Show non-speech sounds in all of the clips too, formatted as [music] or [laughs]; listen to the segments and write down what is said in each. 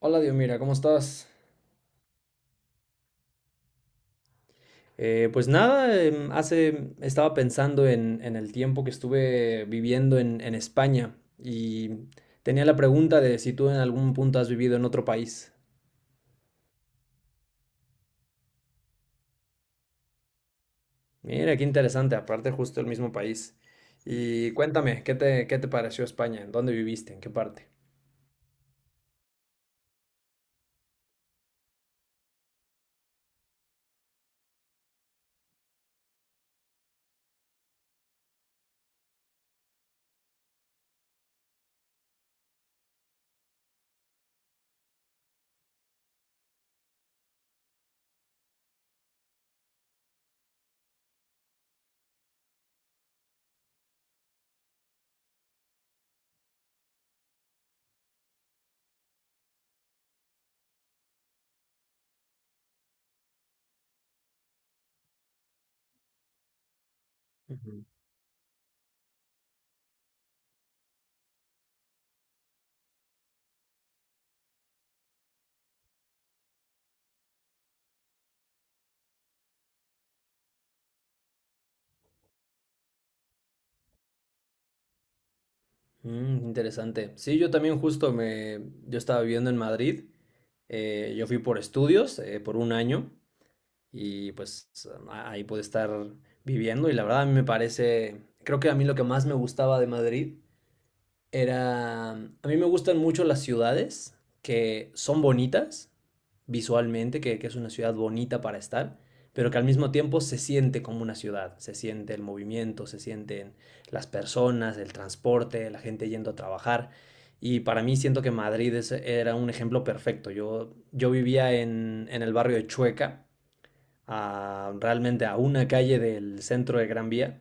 Hola, Diomira, ¿cómo estás? Pues nada, em, hace estaba pensando en el tiempo que estuve viviendo en España y tenía la pregunta de si tú en algún punto has vivido en otro país. Mira, qué interesante, aparte justo el mismo país. Y cuéntame, ¿qué te pareció España? ¿En dónde viviste? ¿En qué parte? Ujú. Mm, interesante. Sí, yo también yo estaba viviendo en Madrid. Yo fui por estudios, por un año. Y pues ahí pude estar viviendo y la verdad a mí me parece, creo que a mí lo que más me gustaba de Madrid era, a mí me gustan mucho las ciudades que son bonitas visualmente, que es una ciudad bonita para estar, pero que al mismo tiempo se siente como una ciudad, se siente el movimiento, se sienten las personas, el transporte, la gente yendo a trabajar. Y para mí siento que Madrid era un ejemplo perfecto. Yo vivía en el barrio de Chueca, realmente a una calle del centro de Gran Vía.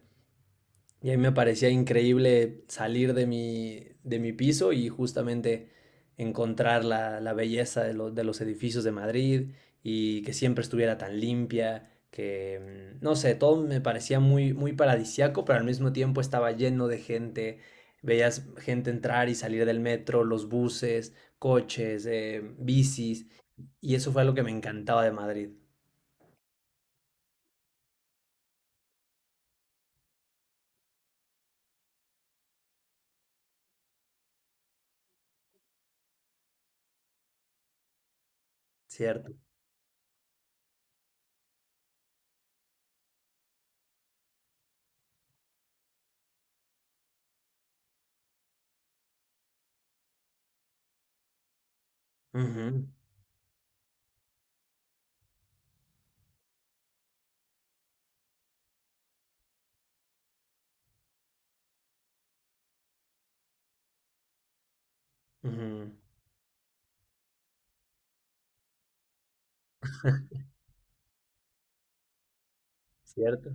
Y a mí me parecía increíble salir de mi piso y justamente encontrar la belleza de los edificios de Madrid y que siempre estuviera tan limpia, que no sé, todo me parecía muy, muy paradisiaco, pero al mismo tiempo estaba lleno de gente. Veías gente entrar y salir del metro, los buses, coches, bicis, y eso fue algo que me encantaba de Madrid, ¿cierto? Ujú. Ujú. ¿Cierto?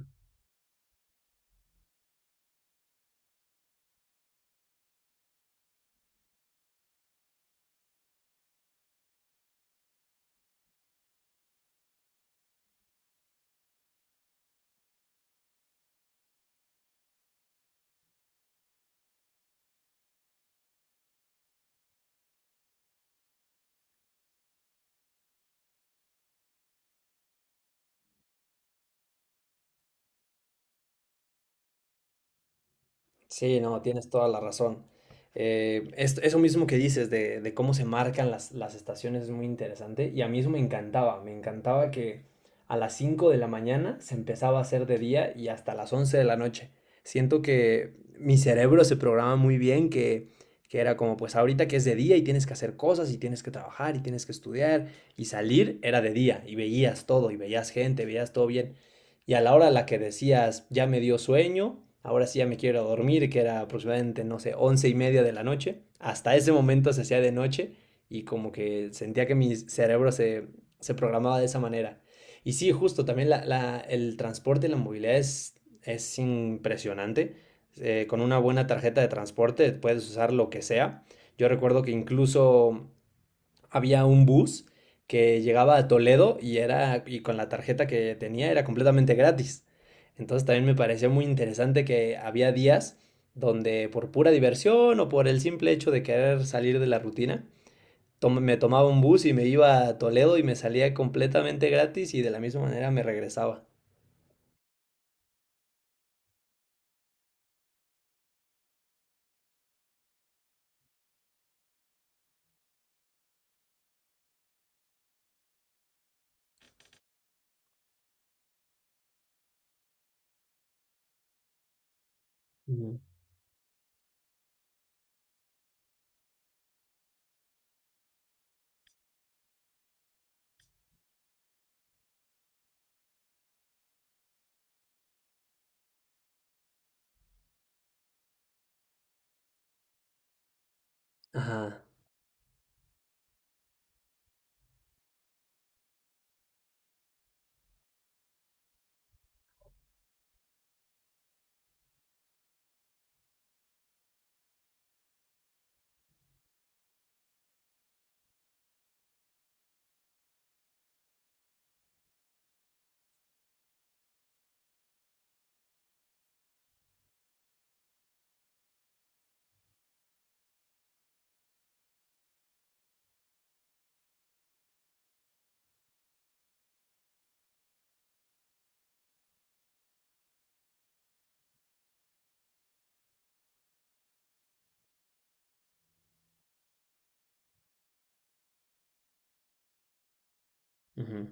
Sí, no, tienes toda la razón. Eso mismo que dices de cómo se marcan las estaciones es muy interesante y a mí eso me encantaba que a las 5 de la mañana se empezaba a hacer de día y hasta las 11 de la noche. Siento que mi cerebro se programa muy bien, que era como pues ahorita que es de día y tienes que hacer cosas y tienes que trabajar y tienes que estudiar y salir era de día y veías todo y veías gente, veías todo bien. Y a la hora a la que decías, ya me dio sueño, ahora sí ya me quiero dormir, que era aproximadamente, no sé, 11:30 de la noche, hasta ese momento se hacía de noche y como que sentía que mi cerebro se programaba de esa manera. Y sí, justo, también el transporte y la movilidad es impresionante. Con una buena tarjeta de transporte puedes usar lo que sea. Yo recuerdo que incluso había un bus que llegaba a Toledo y con la tarjeta que tenía era completamente gratis. Entonces también me pareció muy interesante que había días donde por pura diversión o por el simple hecho de querer salir de la rutina, me tomaba un bus y me iba a Toledo y me salía completamente gratis y de la misma manera me regresaba. Ujú. Ajá. Ujú.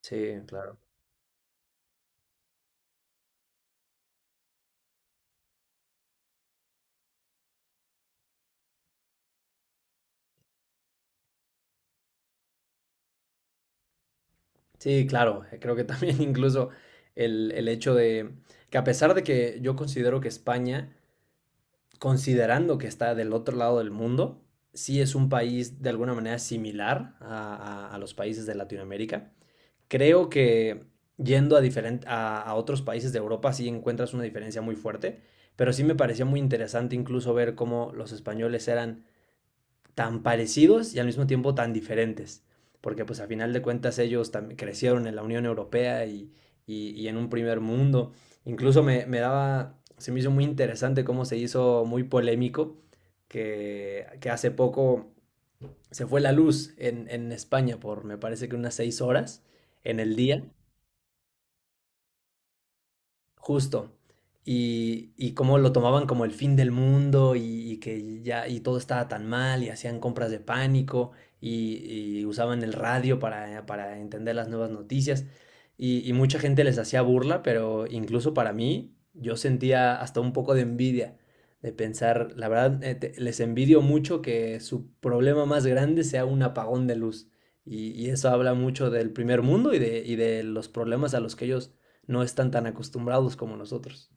Sí, claro. Sí, claro. Creo que también [laughs] incluso el hecho de que a pesar de que yo considero que España considerando que está del otro lado del mundo, sí es un país de alguna manera similar a, a los países de Latinoamérica. Creo que yendo a otros países de Europa sí encuentras una diferencia muy fuerte, pero sí me parecía muy interesante incluso ver cómo los españoles eran tan parecidos y al mismo tiempo tan diferentes, porque pues a final de cuentas ellos también crecieron en la Unión Europea y en un primer mundo. Incluso se me hizo muy interesante cómo se hizo muy polémico que hace poco se fue la luz en España por me parece que unas 6 horas en el día. Justo. Y cómo lo tomaban como el fin del mundo, y que ya y todo estaba tan mal y hacían compras de pánico, y usaban el radio para entender las nuevas noticias. Y mucha gente les hacía burla, pero incluso para mí yo sentía hasta un poco de envidia de pensar, la verdad, les envidio mucho que su problema más grande sea un apagón de luz. Y eso habla mucho del primer mundo y y de los problemas a los que ellos no están tan acostumbrados como nosotros.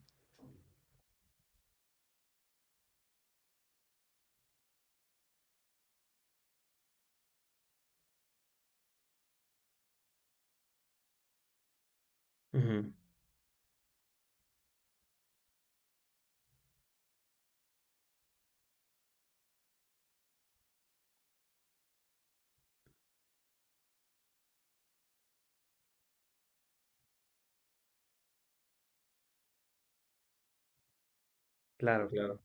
Ujú. Claro, claro.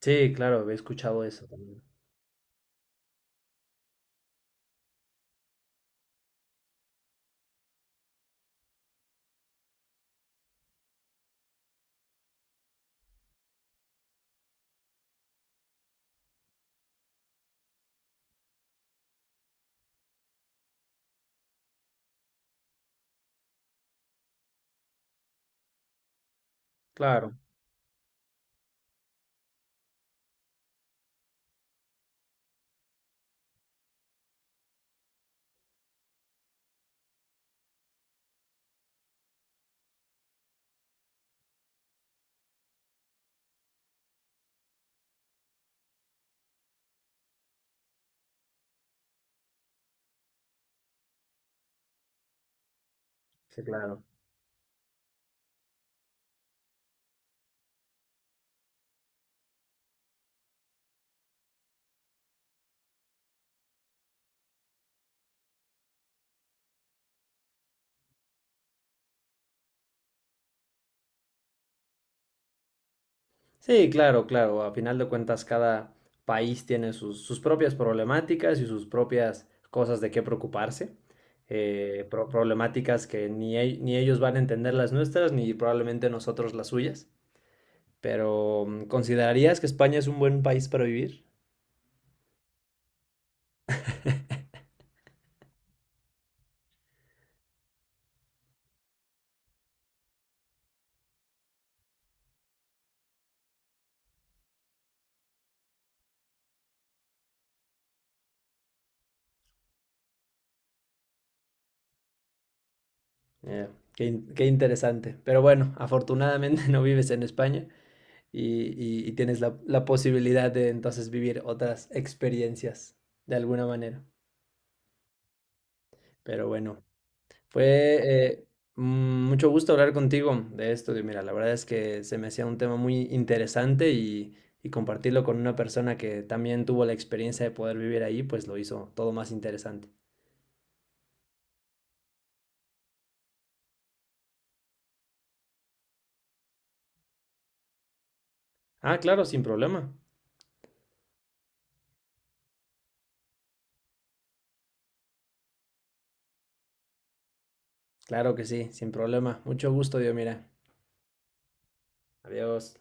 Sí, claro, he escuchado eso también. Claro, sí, claro. Sí, claro, claro. A final de cuentas, cada país tiene sus propias problemáticas y sus propias cosas de qué preocuparse. Problemáticas que ni, ni ellos van a entender las nuestras, ni probablemente nosotros las suyas. Pero, ¿considerarías que España es un buen país para vivir? Eh, Qué interesante. Pero bueno, afortunadamente [laughs] no vives en España. Y, y tienes la posibilidad de entonces vivir otras experiencias de alguna manera. Pero bueno, fue eh, mucho gusto hablar contigo de esto. Y mira, la verdad es que se me hacía un tema muy interesante y compartirlo con una persona que también tuvo la experiencia de poder vivir ahí, pues lo hizo todo más interesante. Ah, claro, sin problema. Claro que sí, sin problema. Mucho gusto, Dios, mira. Adiós.